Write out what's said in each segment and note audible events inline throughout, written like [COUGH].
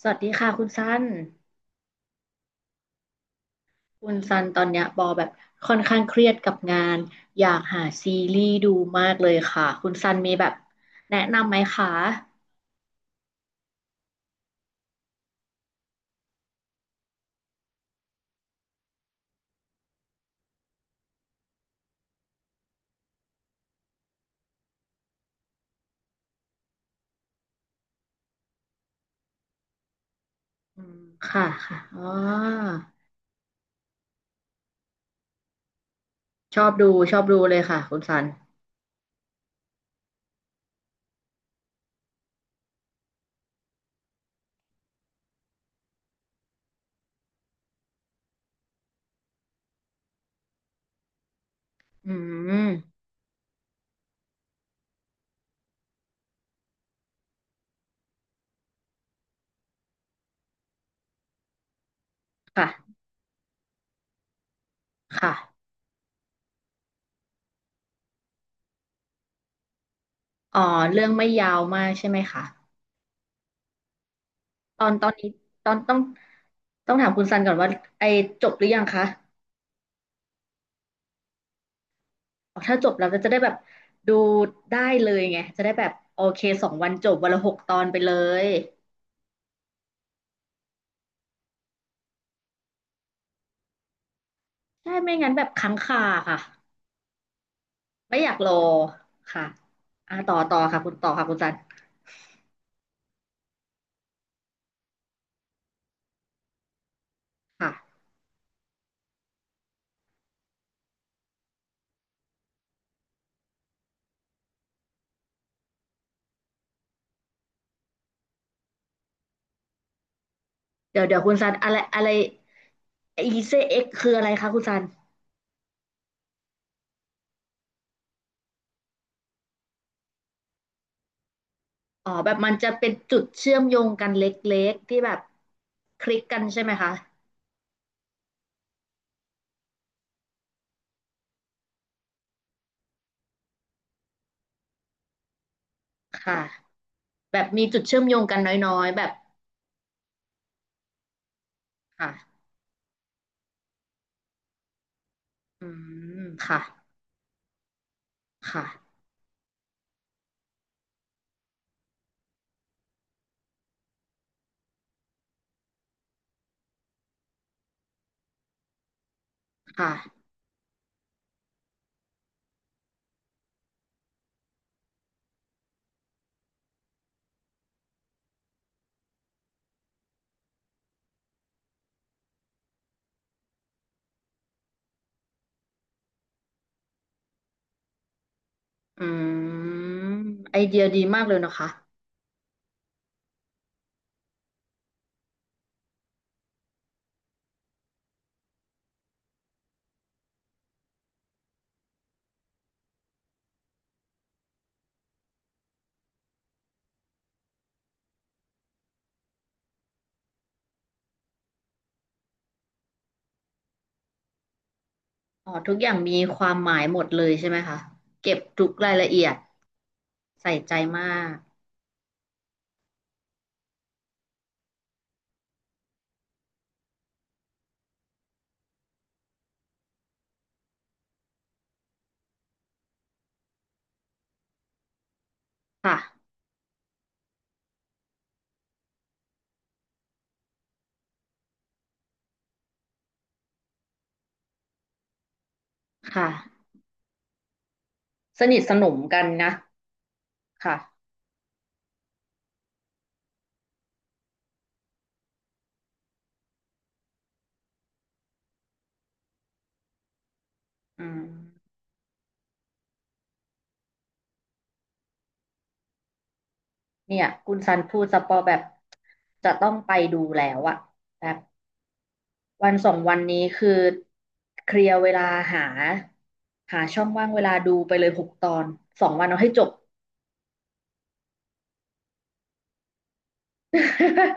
สวัสดีค่ะคุณซันตอนเนี้ยปอแบบค่อนข้างเครียดกับงานอยากหาซีรีส์ดูมากเลยค่ะคุณซันมีแบบแนะนำไหมคะอืมค่ะค่ะอ๋อชอบดูเลยค่ะคุณซันอืมค่ะค่ะอ๋อเรื่องไม่ยาวมากใช่ไหมคะตอนตอนนี้ตอนต้องต้องถามคุณซันก่อนว่าไอจบหรือยังคะ ถ้าจบเราก็จะได้แบบดูได้เลยไงจะได้แบบโอเคสองวันจบวันละหกตอนไปเลยใช่ไม่งั้นแบบค้างคาค่ะไม่อยากรอค่ะอ่ะต่อค่ะคุณต่อค่ะคุณซันค่ะเดี๋ยวคุณซันอะไรอะไรอีเซเอ็กคืออะไรคะคุณซันอ๋อแบบมันจะเป็นจุดเชื่อมโยงกันเล็กๆที่แบบคลิกกันใช่ไหมคะค่ะแบบมีจุดเชื่อมโยงกันน้อยๆแบบค่ะอืมค่ะค่ะค่ะ อืมไอเดียดีมากเลยนะคะอ๋อทุกอย่างมีความหมายหมดเลยใช่ไหมคะเก็บทุกรายละเอียดใส่ใจมากค่ะค่ะสนิทสนมกันนะค่ะอืมเนี่ยคุณซันพูดสปอแบบจะต้องไปดูแล้วอะแบบวันสองวันนี้คือเคลียร์เวลาหาหาช่องว่างเวลาดูไปเลยหกตอนสองวันเอาให้จบ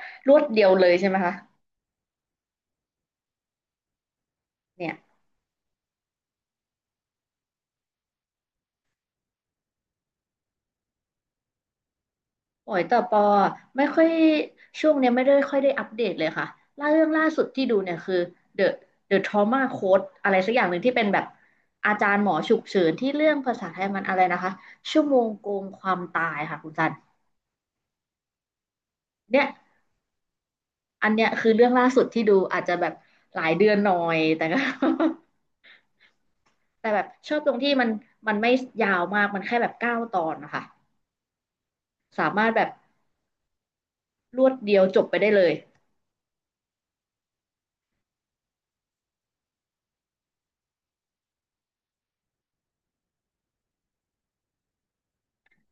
[LAUGHS] รวดเดียวเลยใช่ไหมคะเนี่ย โอ้ยแต่ปอไม่ค่อยช่วงเนี้ยไม่ได้ค่อยได้อัปเดตเลยค่ะล่าเรื่องล่าสุดที่ดูเนี่ยคือ The The Trauma Code อะไรสักอย่างหนึ่งที่เป็นแบบอาจารย์หมอฉุกเฉินที่เรื่องภาษาไทยมันอะไรนะคะชั่วโมงโกงความตายค่ะคุณจันเนี่ยอันเนี้ยคือเรื่องล่าสุดที่ดูอาจจะแบบหลายเดือนหน่อยแต่ก็ [LAUGHS] แต่แบบชอบตรงที่มันมันไม่ยาวมากมันแค่แบบ9 ตอนนะคะสามารถแบบรวดเดียวจบไปได้เลย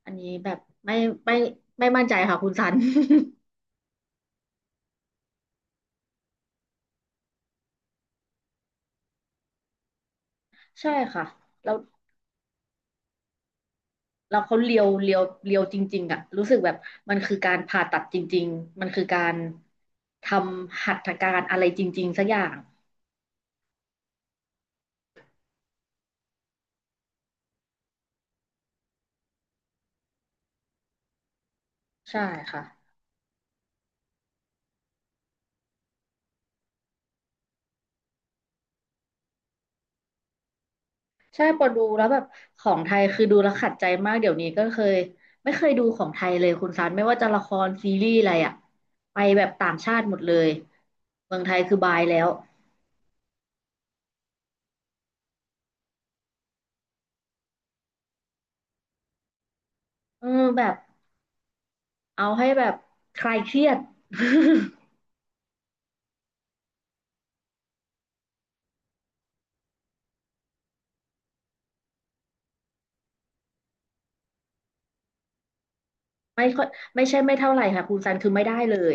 อันนี้แบบไม่ไม่ไม่มั่นใจค่ะคุณซัน ใช่ค่ะแล้วเราเขาเลียวจริงๆอะรู้สึกแบบมันคือการผ่าตัดจริงๆมันคือการทำหัตถการอะไรจริงๆสักอย่างใช่ค่ะใช่พอดูแล้วแบบของไทยคือดูแล้วขัดใจมากเดี๋ยวนี้ก็เคยไม่เคยดูของไทยเลยคุณซันไม่ว่าจะละครซีรีส์อะไรอะไปแบบต่างชาติหมดเลยเมืองไทยคือบายแล้วเออแบบเอาให้แบบคลายเครียด [LAUGHS] ไม่ค่อยไม่ใช่ไม่เท่าไหร่ค่ะคุณซันคือไม่ได้เลย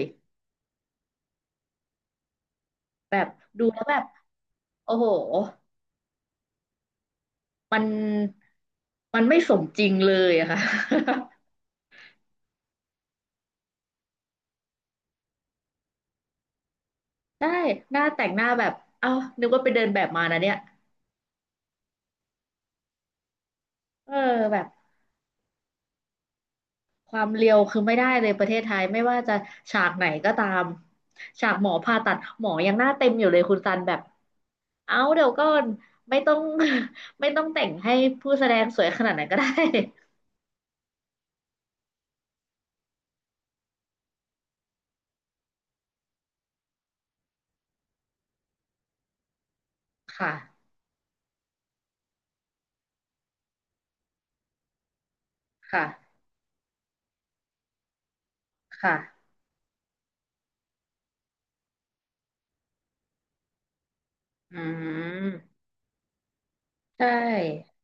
แบบดูแล้วแบบโอ้โหมันมันไม่สมจริงเลยอะค่ะ [LAUGHS] ได้หน้าแต่งหน้าแบบเอ้านึกว่าไปเดินแบบมานะเนี่ยเออแบบความเรียวคือไม่ได้เลยประเทศไทยไม่ว่าจะฉากไหนก็ตามฉากหมอผ่าตัดหมอยังหน้าเต็มอยู่เลยคุณซันแบบเอ้าเดี๋ยวก่อนไม่ต้อง [LAUGHS] ไม่ต้องแต่งให้ผู้แสดงสวยขนาดนั้นก็ได้ [LAUGHS] ค่ะค่ะค่ะอืมใช่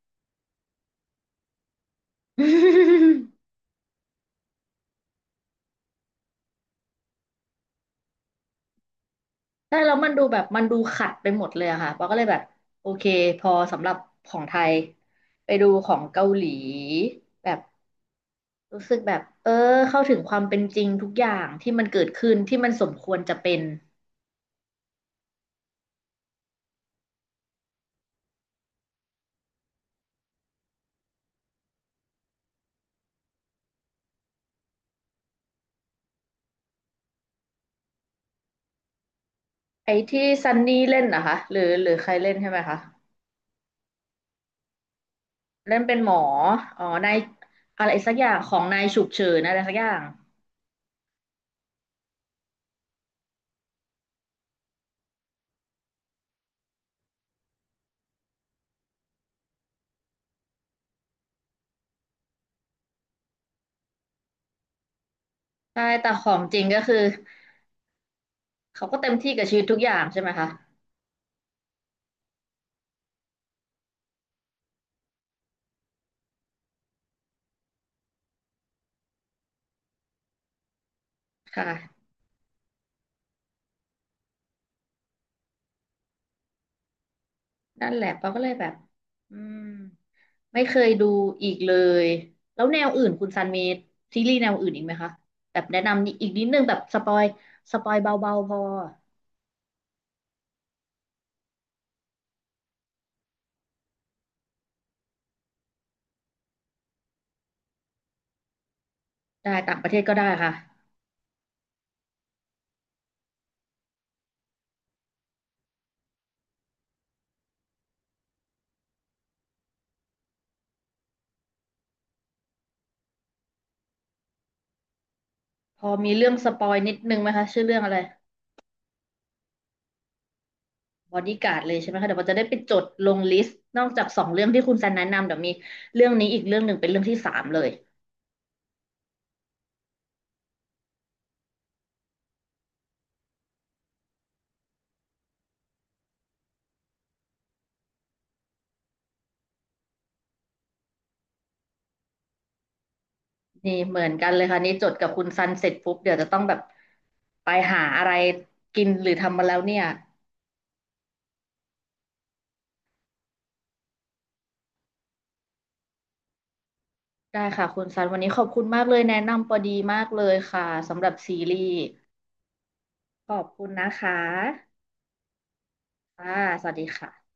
[LAUGHS] ใช่แล้วมันดูแบบมันดูขัดไปหมดเลยอะค่ะเราก็เลยแบบโอเคพอสำหรับของไทยไปดูของเกาหลีแบบรู้สึกแบบเออเข้าถึงความเป็นจริงทุกอย่างที่มันเกิดขึ้นที่มันสมควรจะเป็นไอ้ที่ซันนี่เล่นนะคะหรือใครเล่นใช่ไหมคะเล่นเป็นหมออ๋อนายอะไรสักอย่างของนายฉุกเฉินอะไรสักอย่างใช่แต่ของจริงก็คือเขาก็เต็มที่กับชีวิตทุกอย่างใช่ไหมคะค่ะนั่นแหละเราก็เลยแบบอืม ไม่เคยดูอีกเลย แล้วแนวอื่นคุณซันมีซีรีส์แนวอื่นอีกไหมคะแบบแนะนำอีกนิดนึงแบบสปอยสปอยเบาๆพอได้ต่างประเทศก็ได้ค่ะ พอมีเรื่องสปอยนิดนึงไหมคะชื่อเรื่องอะไรบอดี้การ์ดเลยใช่ไหมคะเดี๋ยวเราจะได้ไปจดลงลิสต์นอกจาก2 เรื่องที่คุณซันแนะนำเดี๋ยวมีเรื่องนี้อีกเรื่องหนึ่งเป็นเรื่องที่สามเลยนี่เหมือนกันเลยค่ะนี่จดกับคุณซันเสร็จปุ๊บเดี๋ยวจะต้องแบบไปหาอะไรกินหรือทำมาแล้วเนี่ย ได้ค่ะคุณซันวันนี้ขอบคุณมากเลยแนะนำพอดีมากเลยค่ะสำหรับซีรีส์ขอบคุณนะคะค่ะสวัสดีค่ะ